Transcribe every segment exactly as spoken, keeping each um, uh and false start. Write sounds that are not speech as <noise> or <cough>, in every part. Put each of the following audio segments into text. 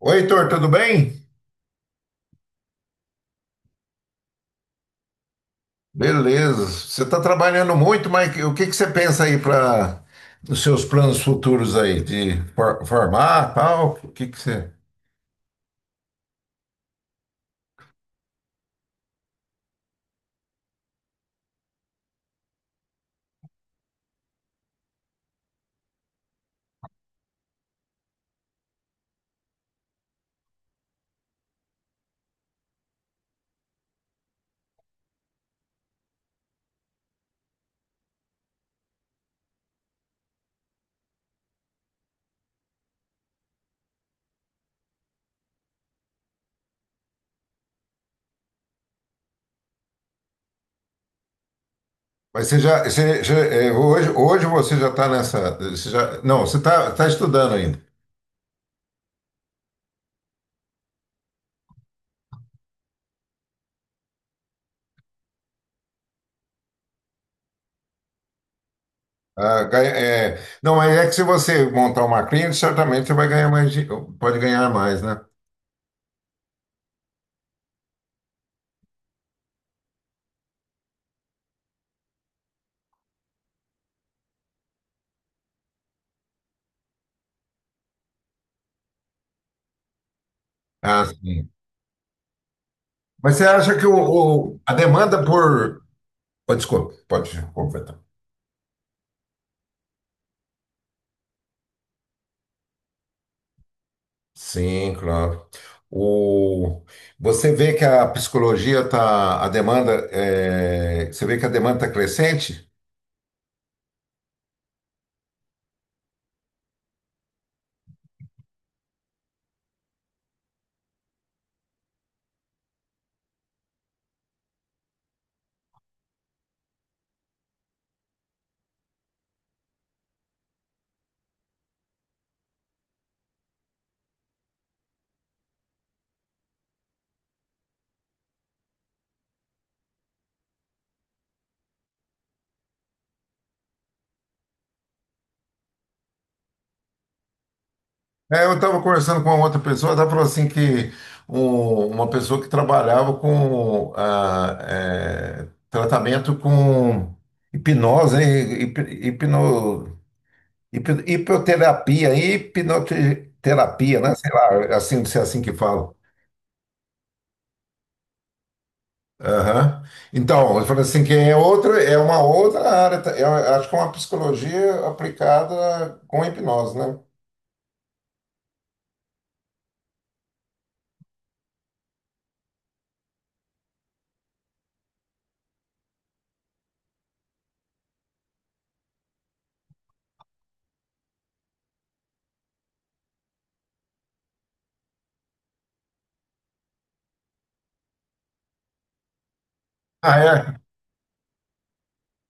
Oi, Heitor, tudo bem? Beleza. Você está trabalhando muito, mas o que que você pensa aí para os seus planos futuros aí de for- formar, tal? O que que você? Mas você já, você já- é, hoje, hoje você já está nessa, você já, não, você está tá tá estudando ainda. Ah, ganha- é, não, mas é que se você montar uma clínica, certamente você vai ganhar mais, di- pode ganhar mais, né? Ah, sim. Mas você acha que o, o- a demanda por, oh, desculpa, pode completar. Sim, claro. O... Você vê que a psicologia tá, a demanda, é, você vê que a demanda está crescente? É, eu estava conversando com uma outra pessoa, ela falou assim que um- uma pessoa que trabalhava com ah, é, tratamento com hipnose, né? Hip, hipno, hip- hipnoterapia, hipnoterapia, né? Sei lá, é assim, se é assim que fala. Aham. Então, ele falou assim que é outra, é uma outra área, tá? É, eu acho que é uma psicologia aplicada com hipnose, né? Ah, é.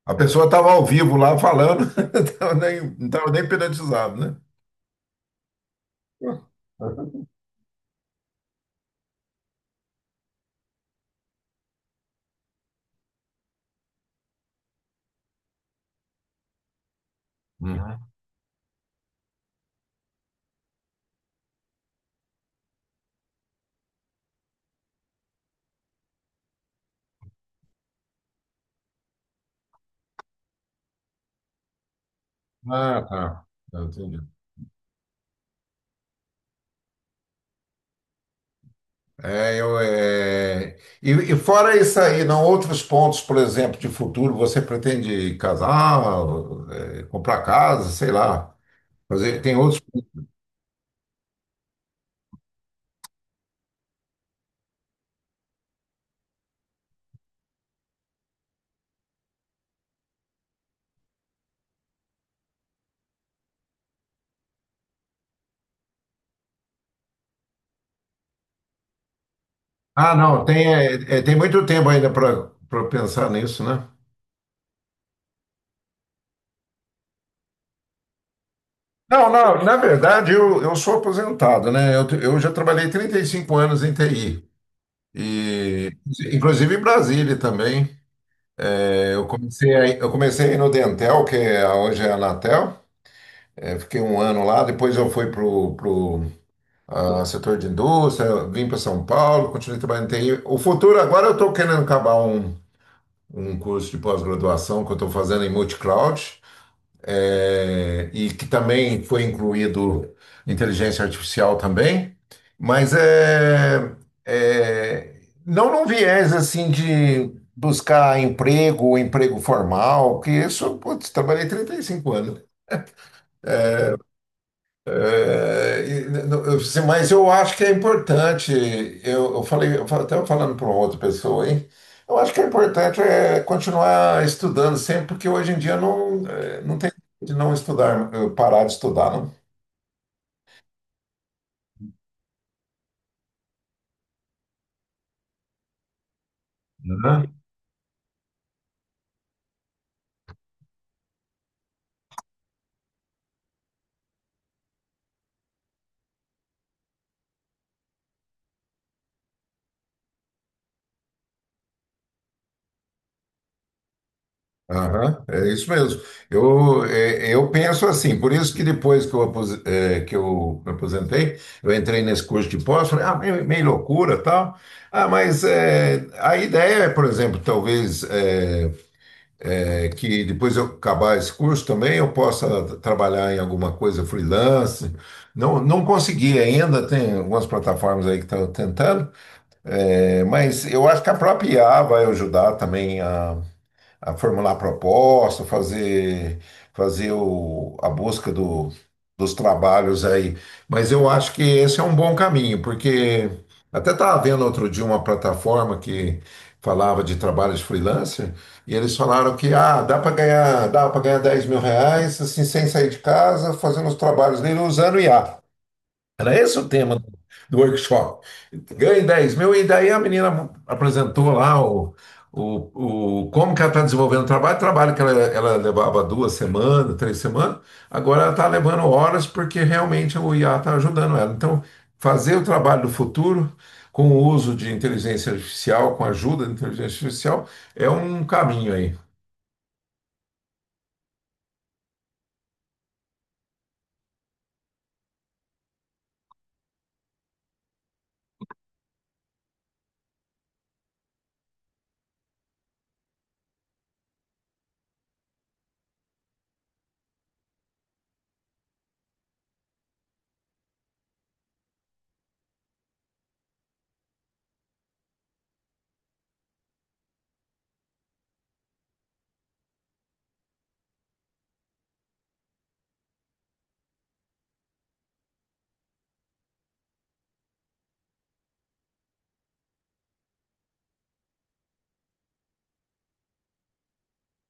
A pessoa estava ao vivo lá falando, <laughs> tava nem, não estava nem hipnotizado, né? Uhum. Ah, tá. Eu Entendi. É, eu, é... E, e fora isso aí, não, outros pontos, por exemplo, de futuro, você pretende casar, é, comprar casa, sei lá. Fazer, tem outros. Ah, não, tem, é, é, tem muito tempo ainda para pensar nisso, né? Não, não, na verdade eu, eu sou aposentado, né? Eu, eu já trabalhei trinta e cinco anos em T I, e, inclusive em Brasília também. É, eu comecei, aí- eu comecei aí no Dentel, que é- hoje é a Anatel. É, fiquei um ano lá, depois eu fui para o setor de indústria, vim para São Paulo, continuei trabalhando em T I. O futuro, agora eu estou querendo acabar um, um curso de pós-graduação que eu estou fazendo em multi-cloud. É, e que também foi incluído inteligência artificial também, mas é, é, não num viés assim de buscar emprego, emprego formal, que isso, putz, trabalhei trinta e cinco anos. É, e, n- n- eu disse, mas eu acho que é importante, eu, eu falei, eu fa- estava falando para outra pessoa, hein, eu acho que é importante é continuar estudando sempre, porque hoje em dia não, é, não tem de não estudar, eh, parar de estudar, não. Aham, aham, é isso mesmo. Eu, é, eu penso assim, por isso que depois que eu, apos- é, que eu me aposentei, eu entrei nesse curso de pós, falei, ah, meio, meio loucura tal. Ah, mas é, a ideia é, por exemplo, talvez é, é que depois eu acabar esse curso também eu possa trabalhar em alguma coisa freelance. Não, não consegui ainda, tem algumas plataformas aí que estão tentando, é, mas eu acho que a própria I A vai ajudar também a formular proposta, fazer, fazer o, a busca do, dos trabalhos aí. Mas eu acho que esse é um bom caminho, porque até estava vendo outro dia uma plataforma que falava de trabalho de freelancer, e eles falaram que ah, dá para ganhar, dá para ganhar dez mil reais assim, sem sair de casa, fazendo os trabalhos dele usando I A. Era esse o tema do do workshop. Ganhe dez mil, e daí a menina apresentou lá o, o, o- como que ela está desenvolvendo o trabalho. Trabalho que ela, ela levava duas semanas, três semanas, agora ela está levando horas porque realmente o I A está ajudando ela. Então, fazer o trabalho do futuro com o uso de inteligência artificial, com a ajuda da inteligência artificial, é um caminho aí.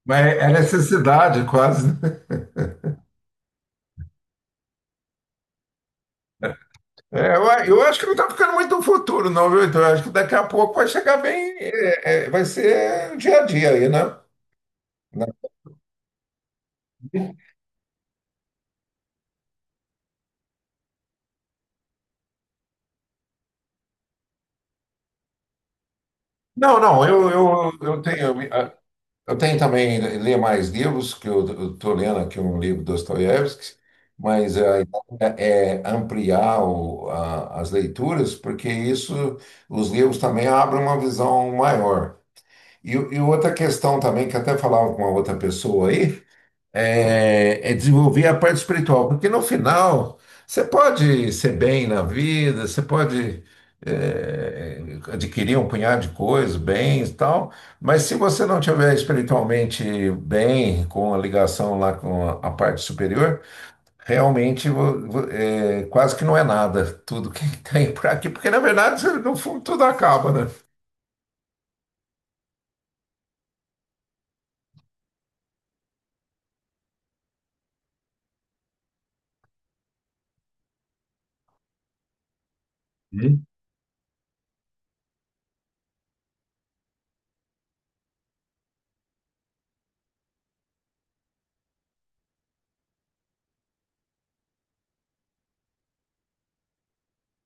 Mas é necessidade quase. É, eu, a- eu acho que não está ficando muito no futuro, não, viu? Então, eu acho que daqui a pouco vai chegar bem, é, é, vai ser o dia a dia aí, né? Na- Não, não, eu, eu, eu tenho, eu tenho também ler mais livros, que eu estou lendo aqui um livro do Dostoiévski, mas a ideia é ampliar o- a- as leituras, porque isso, os livros também abrem uma visão maior. E, e outra questão também, que até falava com uma outra pessoa aí, é, é desenvolver a parte espiritual, porque no final você pode ser bem na vida, você pode é, adquirir um punhado de coisas, bens e tal, mas se você não tiver espiritualmente bem, com a ligação lá com a a parte superior, realmente vo- vo- é, quase que não é nada tudo que <laughs> tem por aqui, porque na verdade <laughs> no fundo tudo acaba, né? Uhum.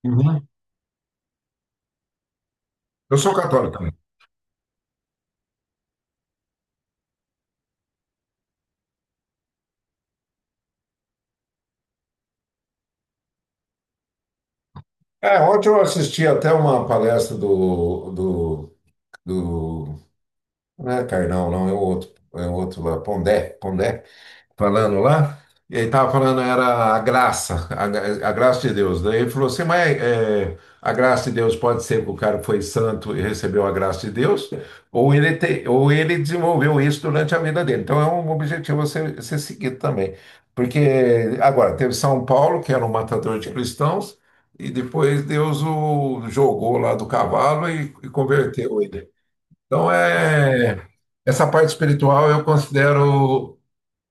Uhum. Eu sou católico também. É, ontem eu assisti até uma palestra do, do do. Não é Carnal, não, é o outro, é o outro lá, Pondé, Pondé, falando lá. E ele estava falando, era a graça, a, gra- a graça de Deus. Daí ele falou assim, mas é, a graça de Deus pode ser que o cara foi santo e recebeu a graça de Deus, ou ele, te, ou ele desenvolveu isso durante a vida dele. Então é um objetivo a ser, ser seguido também. Porque agora teve São Paulo, que era um matador de cristãos, e depois Deus o jogou lá do cavalo e, e converteu ele. Então, é, essa parte espiritual eu considero,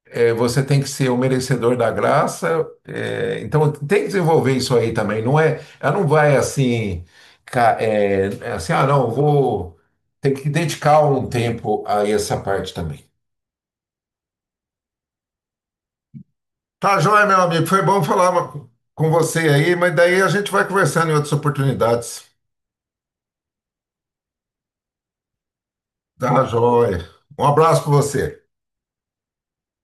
é, você tem que ser o merecedor da graça, é, então tem que desenvolver isso aí também, não é, ela não vai assim, ca- é, é assim, ah, não, vou, tem que dedicar um tempo a essa parte também. Tá, joia, meu amigo, foi bom falar ma- com você aí, mas daí a gente vai conversando em outras oportunidades. Tá, joia. Um abraço para você.